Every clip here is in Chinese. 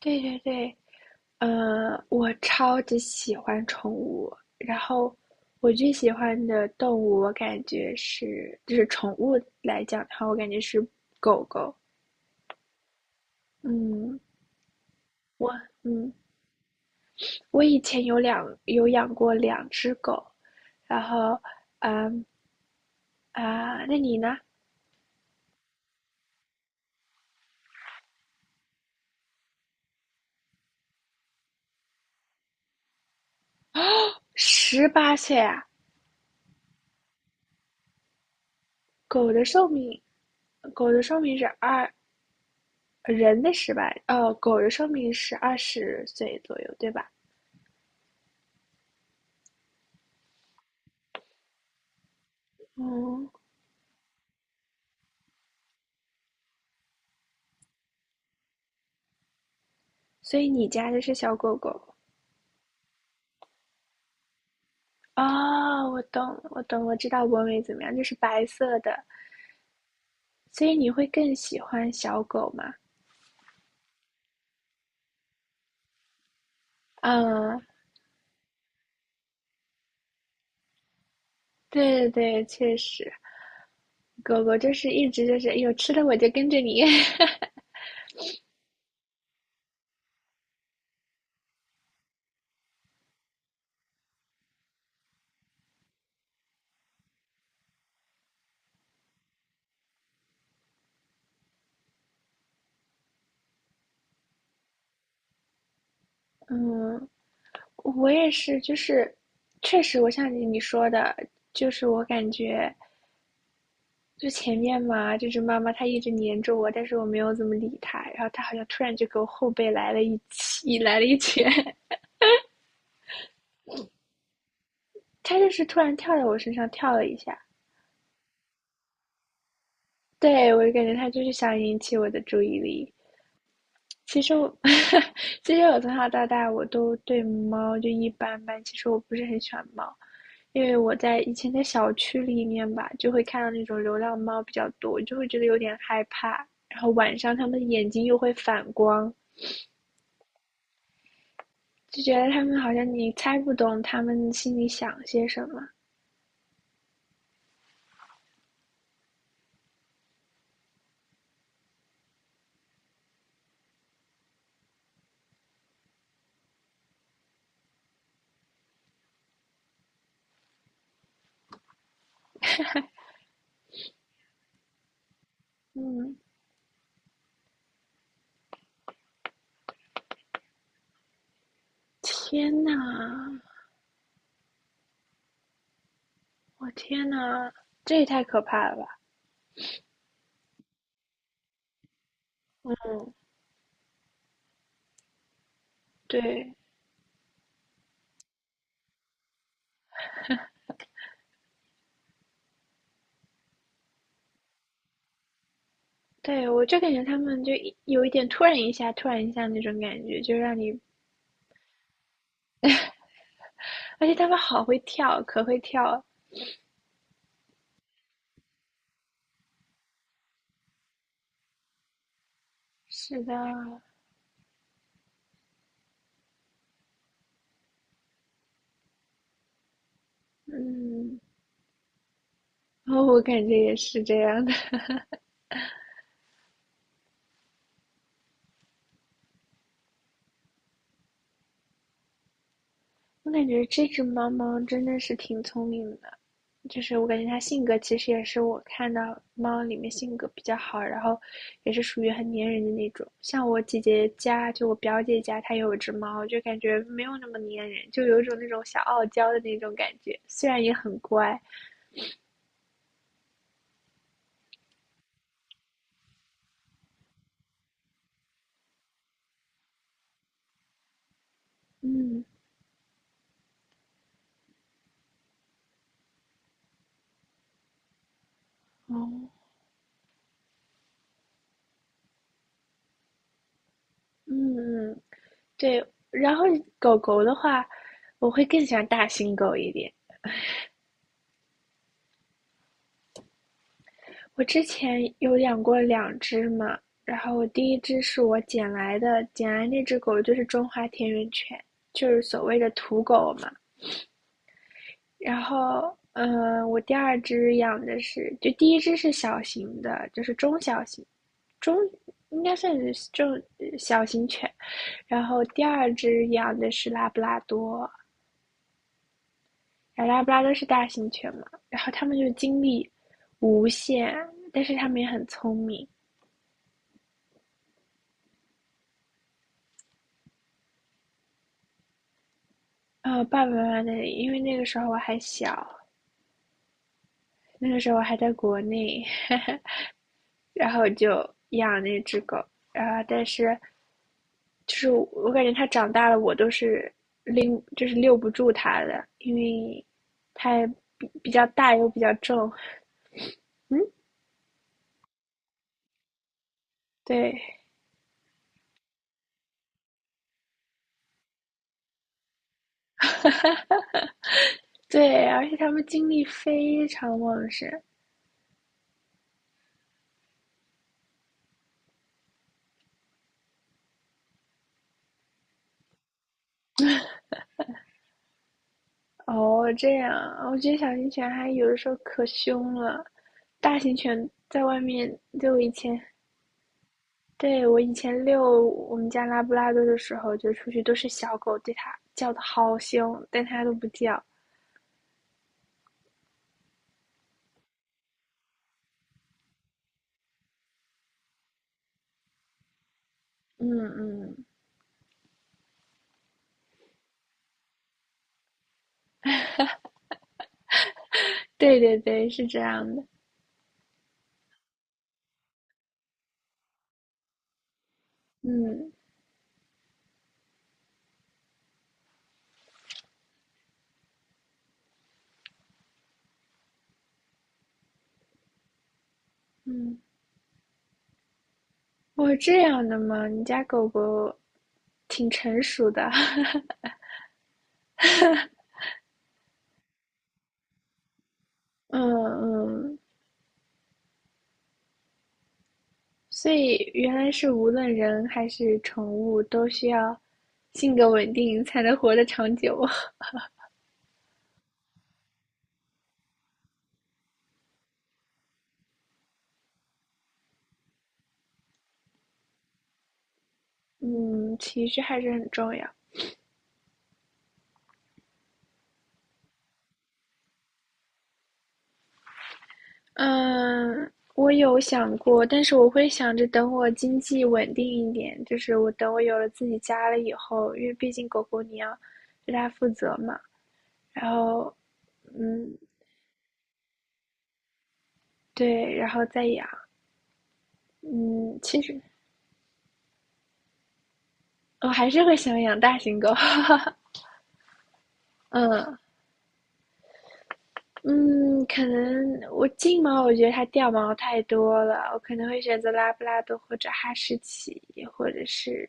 对对对，我超级喜欢宠物，然后我最喜欢的动物，我感觉是，就是宠物来讲的话，我感觉是狗狗。嗯，我嗯，我以前有养过两只狗，然后啊，那你呢？18岁啊？狗的寿命，狗的寿命是人的十八，哦，狗的寿命是20岁左右，对吧？嗯。所以你家的是小狗狗啊，我懂了我懂，我知道博美怎么样，就是白色的，所以你会更喜欢小狗吗？嗯，对对对，确实，狗狗就是一直就是，哎呦，吃的我就跟着你。嗯，我也是，就是确实，我像你说的，就是我感觉就前面嘛，就是妈妈她一直黏着我，但是我没有怎么理她，然后她好像突然就给我后背来了一起，来了一拳。它就是突然跳在我身上跳了一下，对我就感觉它就是想引起我的注意力。其实我，其实我从小到大我都对猫就一般般。其实我不是很喜欢猫，因为我以前在小区里面吧，就会看到那种流浪猫比较多，就会觉得有点害怕。然后晚上它们的眼睛又会反光，就觉得它们好像你猜不懂它们心里想些什么。嗯，天呐，我天呐，这也太可怕了吧！嗯，对，对，我就感觉他们就一有一点突然一下，突然一下那种感觉，就让你，而且他们好会跳，可会跳。是的，嗯，然后我感觉也是这样的。我感觉这只猫猫真的是挺聪明的，就是我感觉它性格其实也是我看到猫里面性格比较好，然后也是属于很粘人的那种。像我姐姐家，就我表姐家，她有一只猫，就感觉没有那么粘人，就有一种那种小傲娇的那种感觉，虽然也很乖。嗯，哦，嗯嗯，对。然后狗狗的话，我会更喜欢大型狗一点。我之前有养过两只嘛，然后我第一只是我捡来的，捡来那只狗就是中华田园犬，就是所谓的土狗嘛。然后，嗯，我第二只养的是，就第一只是小型的，就是中小型，中应该算是中小型犬。然后第二只养的是拉布拉多，拉布拉多是大型犬嘛。然后它们就精力无限，但是它们也很聪明。爸爸妈妈那里，因为那个时候我还小，那个时候我还在国内，然后就养那只狗，但是就是我感觉它长大了，我都是就是遛不住它的，因为它比较大又比较重，对对，而且它们精力非常旺盛。哦，这样，我觉得小型犬还有的时候可凶了，大型犬在外面，就我以前对，我以前遛我们家拉布拉多的时候，就出去都是小狗对它叫的好凶，但它都不叫。嗯嗯，对对对，是这样的。嗯嗯，哦，这样的吗？你家狗狗挺成熟的。嗯嗯，所以原来是无论人还是宠物都需要性格稳定才能活得长久。嗯，情绪还是很重要。嗯，我有想过，但是我会想着等我经济稳定一点，就是我等我有了自己家了以后，因为毕竟狗狗你要对它负责嘛，然后嗯，对，然后再养，嗯，其实我还是会想养大型狗，嗯嗯，可能我金毛我觉得它掉毛太多了，我可能会选择拉布拉多或者哈士奇，或者是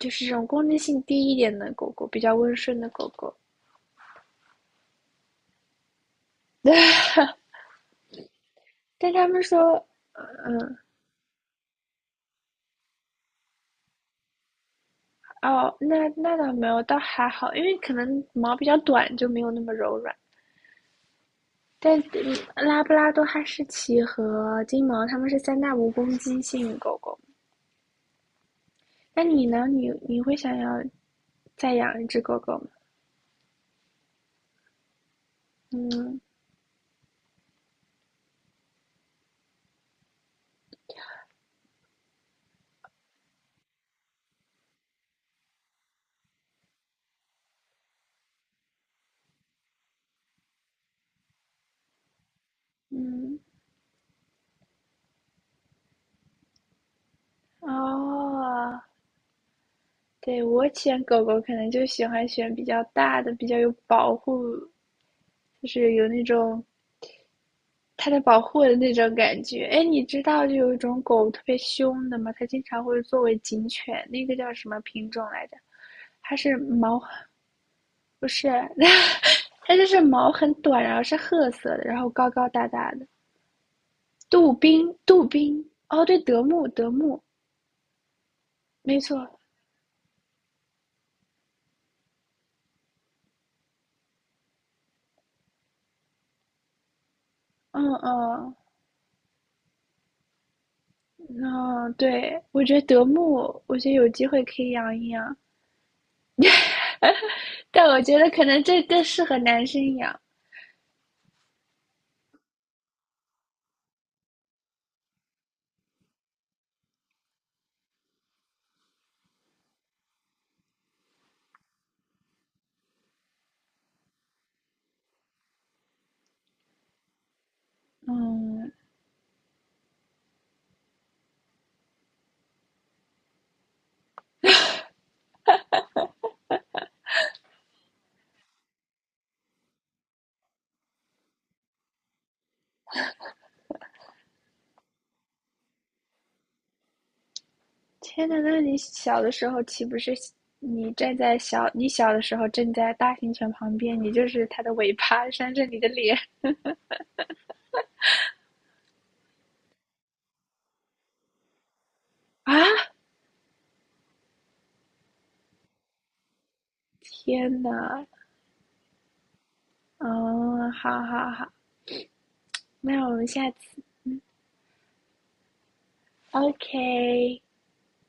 就是这种攻击性低一点的狗狗，比较温顺的狗狗。但他们说，哦，那倒没有，倒还好，因为可能毛比较短，就没有那么柔软。但拉布拉多、哈士奇和金毛，它们是三大无攻击性狗狗。那你呢？你会想要再养一只狗狗吗？嗯嗯，哦，对，我选狗狗可能就喜欢选比较大的，比较有保护，就是有那种它在保护我的那种感觉。哎，你知道就有一种狗特别凶的吗？它经常会作为警犬，那个叫什么品种来着？它是毛，不是，它就是毛很短，然后是褐色的，然后高高大大的。杜宾，杜宾，哦，对，德牧，德牧，没错，嗯嗯嗯，对，我觉得德牧，我觉得有机会可以养一养，但我觉得可能这更适合男生养。嗯，天呐，那你小的时候岂不是你小的时候站在大型犬旁边，你就是它的尾巴扇着你的脸 啊！天呐，嗯，好好好，那我们下次，OK。